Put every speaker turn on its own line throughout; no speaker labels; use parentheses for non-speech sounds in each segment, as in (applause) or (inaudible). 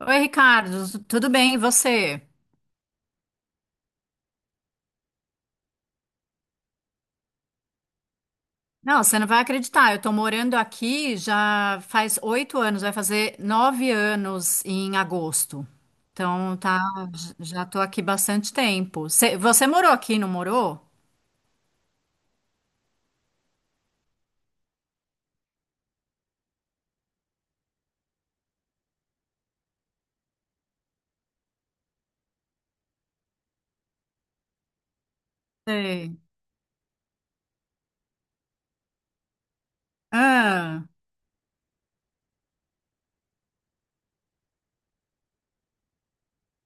Oi, Ricardo, tudo bem? E você? Não, você não vai acreditar. Eu tô morando aqui já faz 8 anos, vai fazer 9 anos em agosto. Então, tá, já tô aqui bastante tempo. Você morou aqui, não morou? Sei. Ah,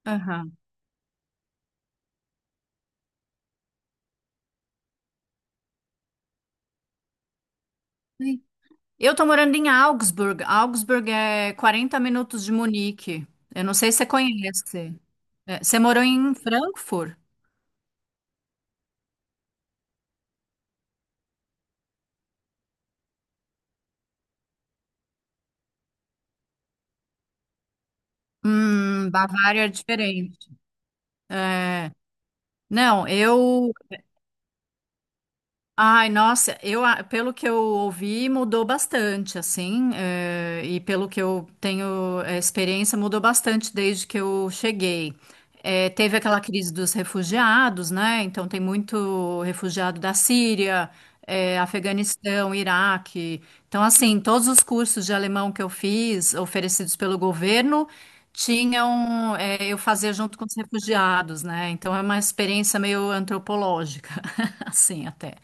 aham. Sim. Eu tô morando em Augsburg. Augsburg é 40 minutos de Munique. Eu não sei se você conhece. É, você morou em Frankfurt? Bavária é diferente. Não, eu Ai, nossa, pelo que eu ouvi, mudou bastante, assim, e pelo que eu tenho experiência, mudou bastante desde que eu cheguei. Teve aquela crise dos refugiados, né? Então, tem muito refugiado da Síria, Afeganistão, Iraque. Então, assim, todos os cursos de alemão que eu fiz, oferecidos pelo governo, tinham, eu fazia junto com os refugiados, né? Então, é uma experiência meio antropológica, (laughs) assim, até.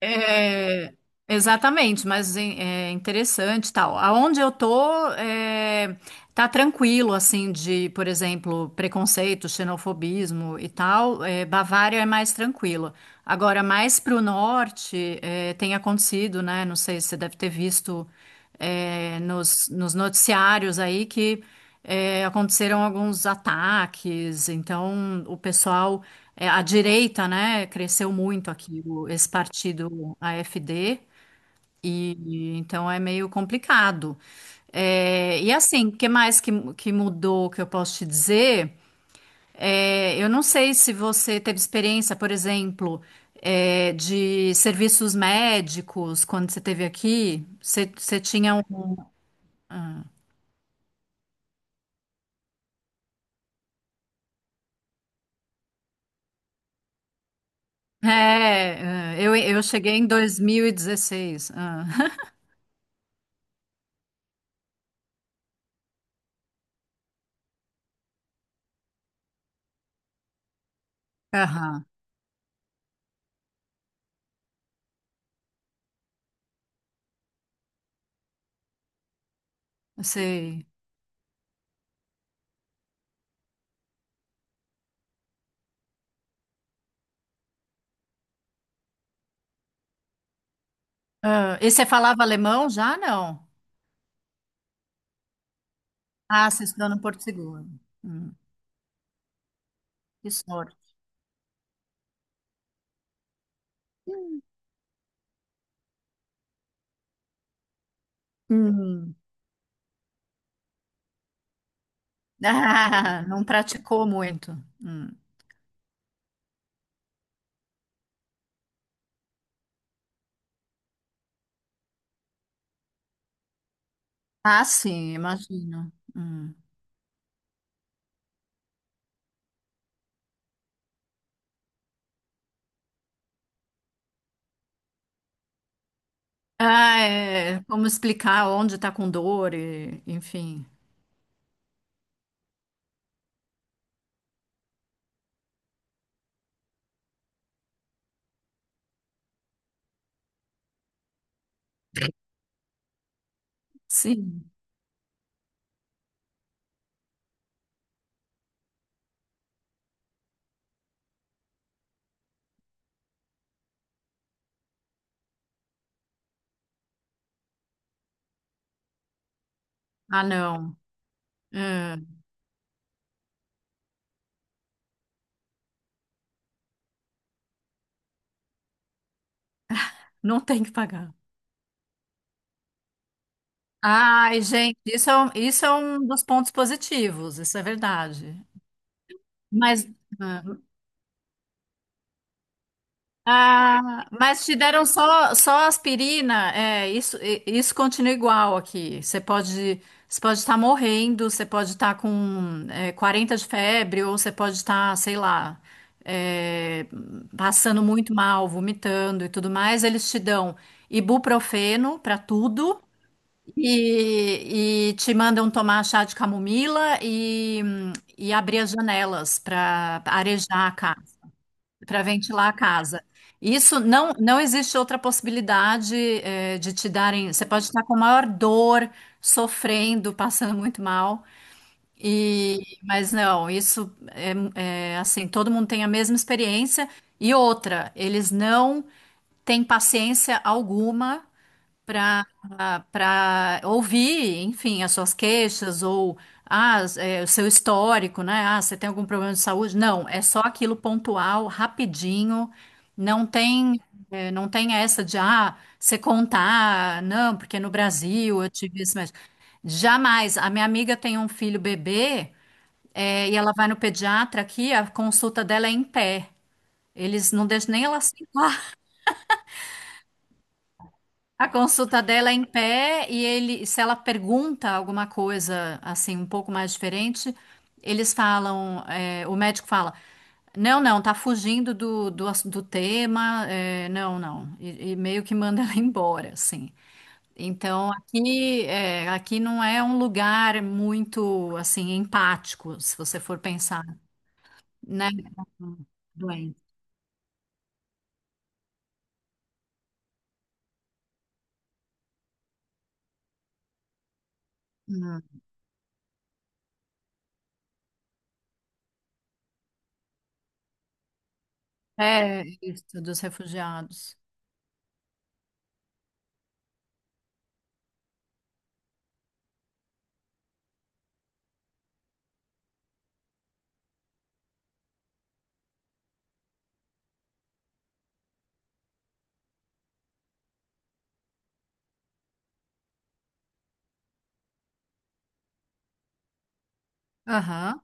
É, exatamente, mas é interessante e tal. Aonde eu tô, é, tá tranquilo, assim, de, por exemplo, preconceito, xenofobismo e tal. É, Bavária é mais tranquilo. Agora, mais para o norte, tem acontecido, né? Não sei se você deve ter visto, nos noticiários aí que aconteceram alguns ataques. Então, o pessoal, a direita, né, cresceu muito aqui, esse partido AfD, e então é meio complicado. E assim, o que mais que mudou que eu posso te dizer? É, eu não sei se você teve experiência, por exemplo, é, de serviços médicos quando você esteve aqui. Você tinha um. É, eu cheguei em 2016. Ah, (laughs) Aham, sei. Ah, e você falava alemão já? Não. Ah, você estudou no Porto Seguro. Hum, que sorte. Hum. (laughs) Ah, não praticou muito. Hum. Ah, sim, imagino. Hum. Ah, é, como explicar onde está com dor, e, enfim. Sim. Ah, não. É, não tem que pagar. Ai, gente, isso é um dos pontos positivos, isso é verdade. Mas, ah, ah, mas te deram só, só aspirina. É, isso, isso continua igual aqui. Você pode estar morrendo, você pode estar com é, 40 de febre, ou você pode estar, sei lá, é, passando muito mal, vomitando e tudo mais. Eles te dão ibuprofeno para tudo e te mandam tomar chá de camomila e abrir as janelas para arejar a casa para ventilar a casa. Isso não, não existe outra possibilidade, de te darem. Você pode estar com maior dor, sofrendo, passando muito mal. E, mas não, isso é, é assim, todo mundo tem a mesma experiência. E outra, eles não têm paciência alguma para para ouvir, enfim, as suas queixas ou ah, o seu histórico, né? Ah, você tem algum problema de saúde? Não, é só aquilo pontual, rapidinho. Não tem, não tem essa de ah, você contar, não, porque no Brasil eu tive isso, mas jamais. A minha amiga tem um filho bebê, é, e ela vai no pediatra aqui, a consulta dela é em pé. Eles não deixam nem ela sentar. A consulta dela é em pé e ele, se ela pergunta alguma coisa assim um pouco mais diferente, eles falam, é, o médico fala, não, não, tá fugindo do tema, é, não, não, e meio que manda ela (laughs) embora, assim. Então aqui, é, aqui não é um lugar muito assim empático, se você for pensar, né? Doente. Hum. É isso dos refugiados. Aham,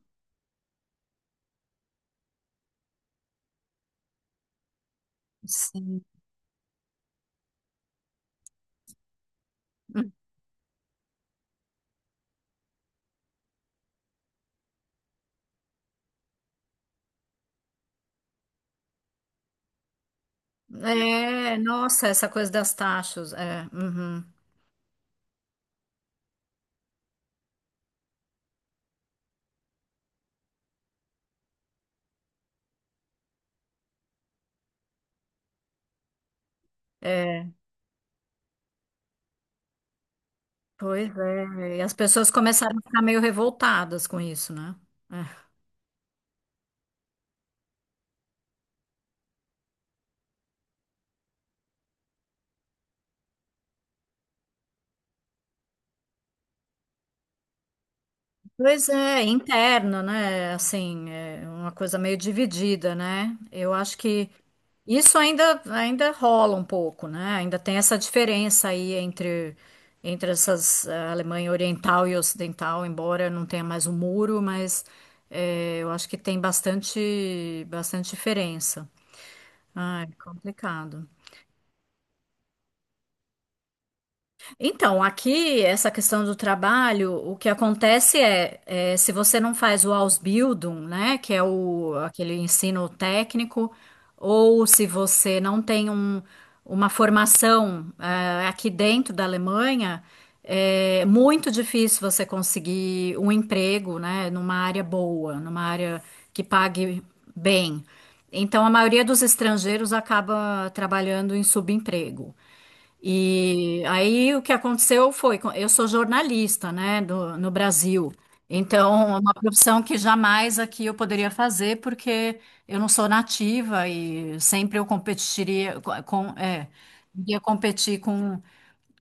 sim. É, nossa, essa coisa das taxas, é, uhum, é, pois é, e as pessoas começaram a ficar meio revoltadas com isso, né? É. Pois é, interno, né? Assim, é uma coisa meio dividida, né? Eu acho que isso ainda, ainda rola um pouco, né? Ainda tem essa diferença aí entre, entre essas eh, Alemanha Oriental e Ocidental, embora não tenha mais o muro, mas eu acho que tem bastante, bastante diferença. Ah, é complicado. Então, aqui, essa questão do trabalho, o que acontece é, é, se você não faz o Ausbildung, né, que é o, aquele ensino técnico, ou se você não tem uma formação, aqui dentro da Alemanha, é muito difícil você conseguir um emprego, né, numa área boa, numa área que pague bem. Então, a maioria dos estrangeiros acaba trabalhando em subemprego. E aí o que aconteceu foi, eu sou jornalista, né, no Brasil. Então, é uma profissão que jamais aqui eu poderia fazer, porque eu não sou nativa e sempre eu com, é, ia competir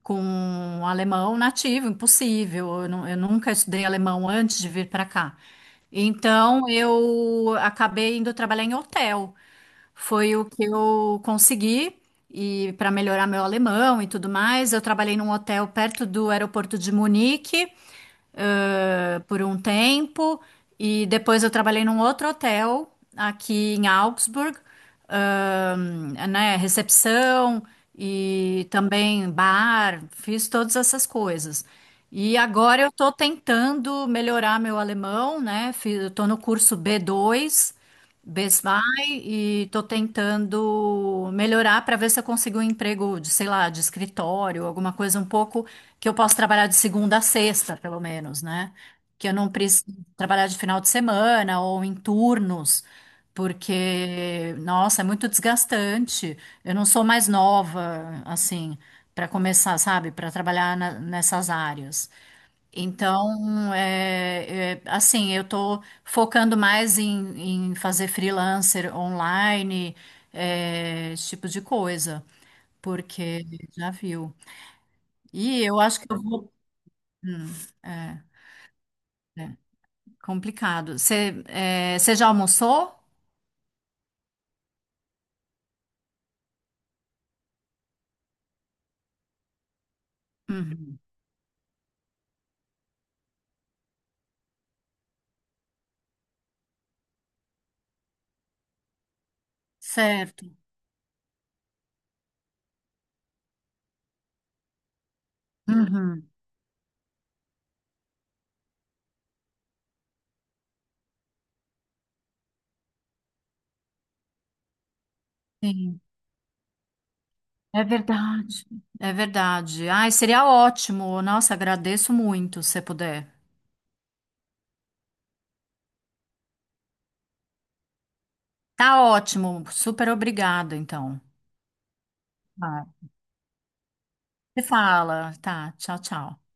com um alemão nativo, impossível. Eu, eu nunca estudei alemão antes de vir para cá. Então, eu acabei indo trabalhar em hotel. Foi o que eu consegui e para melhorar meu alemão e tudo mais. Eu trabalhei num hotel perto do aeroporto de Munique, por um tempo e depois eu trabalhei num outro hotel aqui em Augsburg, né, recepção e também bar, fiz todas essas coisas. E agora eu estou tentando melhorar meu alemão, né? Eu estou no curso B2. Best Buy e tô tentando melhorar para ver se eu consigo um emprego de, sei lá, de escritório, alguma coisa um pouco que eu possa trabalhar de segunda a sexta, pelo menos, né? Que eu não preciso trabalhar de final de semana ou em turnos, porque, nossa, é muito desgastante. Eu não sou mais nova, assim, para começar, sabe, para trabalhar nessas áreas. Então, é, é, assim, eu estou focando mais em, em fazer freelancer online, é, esse tipo de coisa, porque já viu. E eu acho que eu vou. Hum, é, é complicado. Você é, você já almoçou? Uhum, certo. Uhum, sim, é verdade. É verdade. Ai, seria ótimo. Nossa, agradeço muito se puder. Tá ótimo. Super obrigada, então. Você fala, tá, tchau, tchau.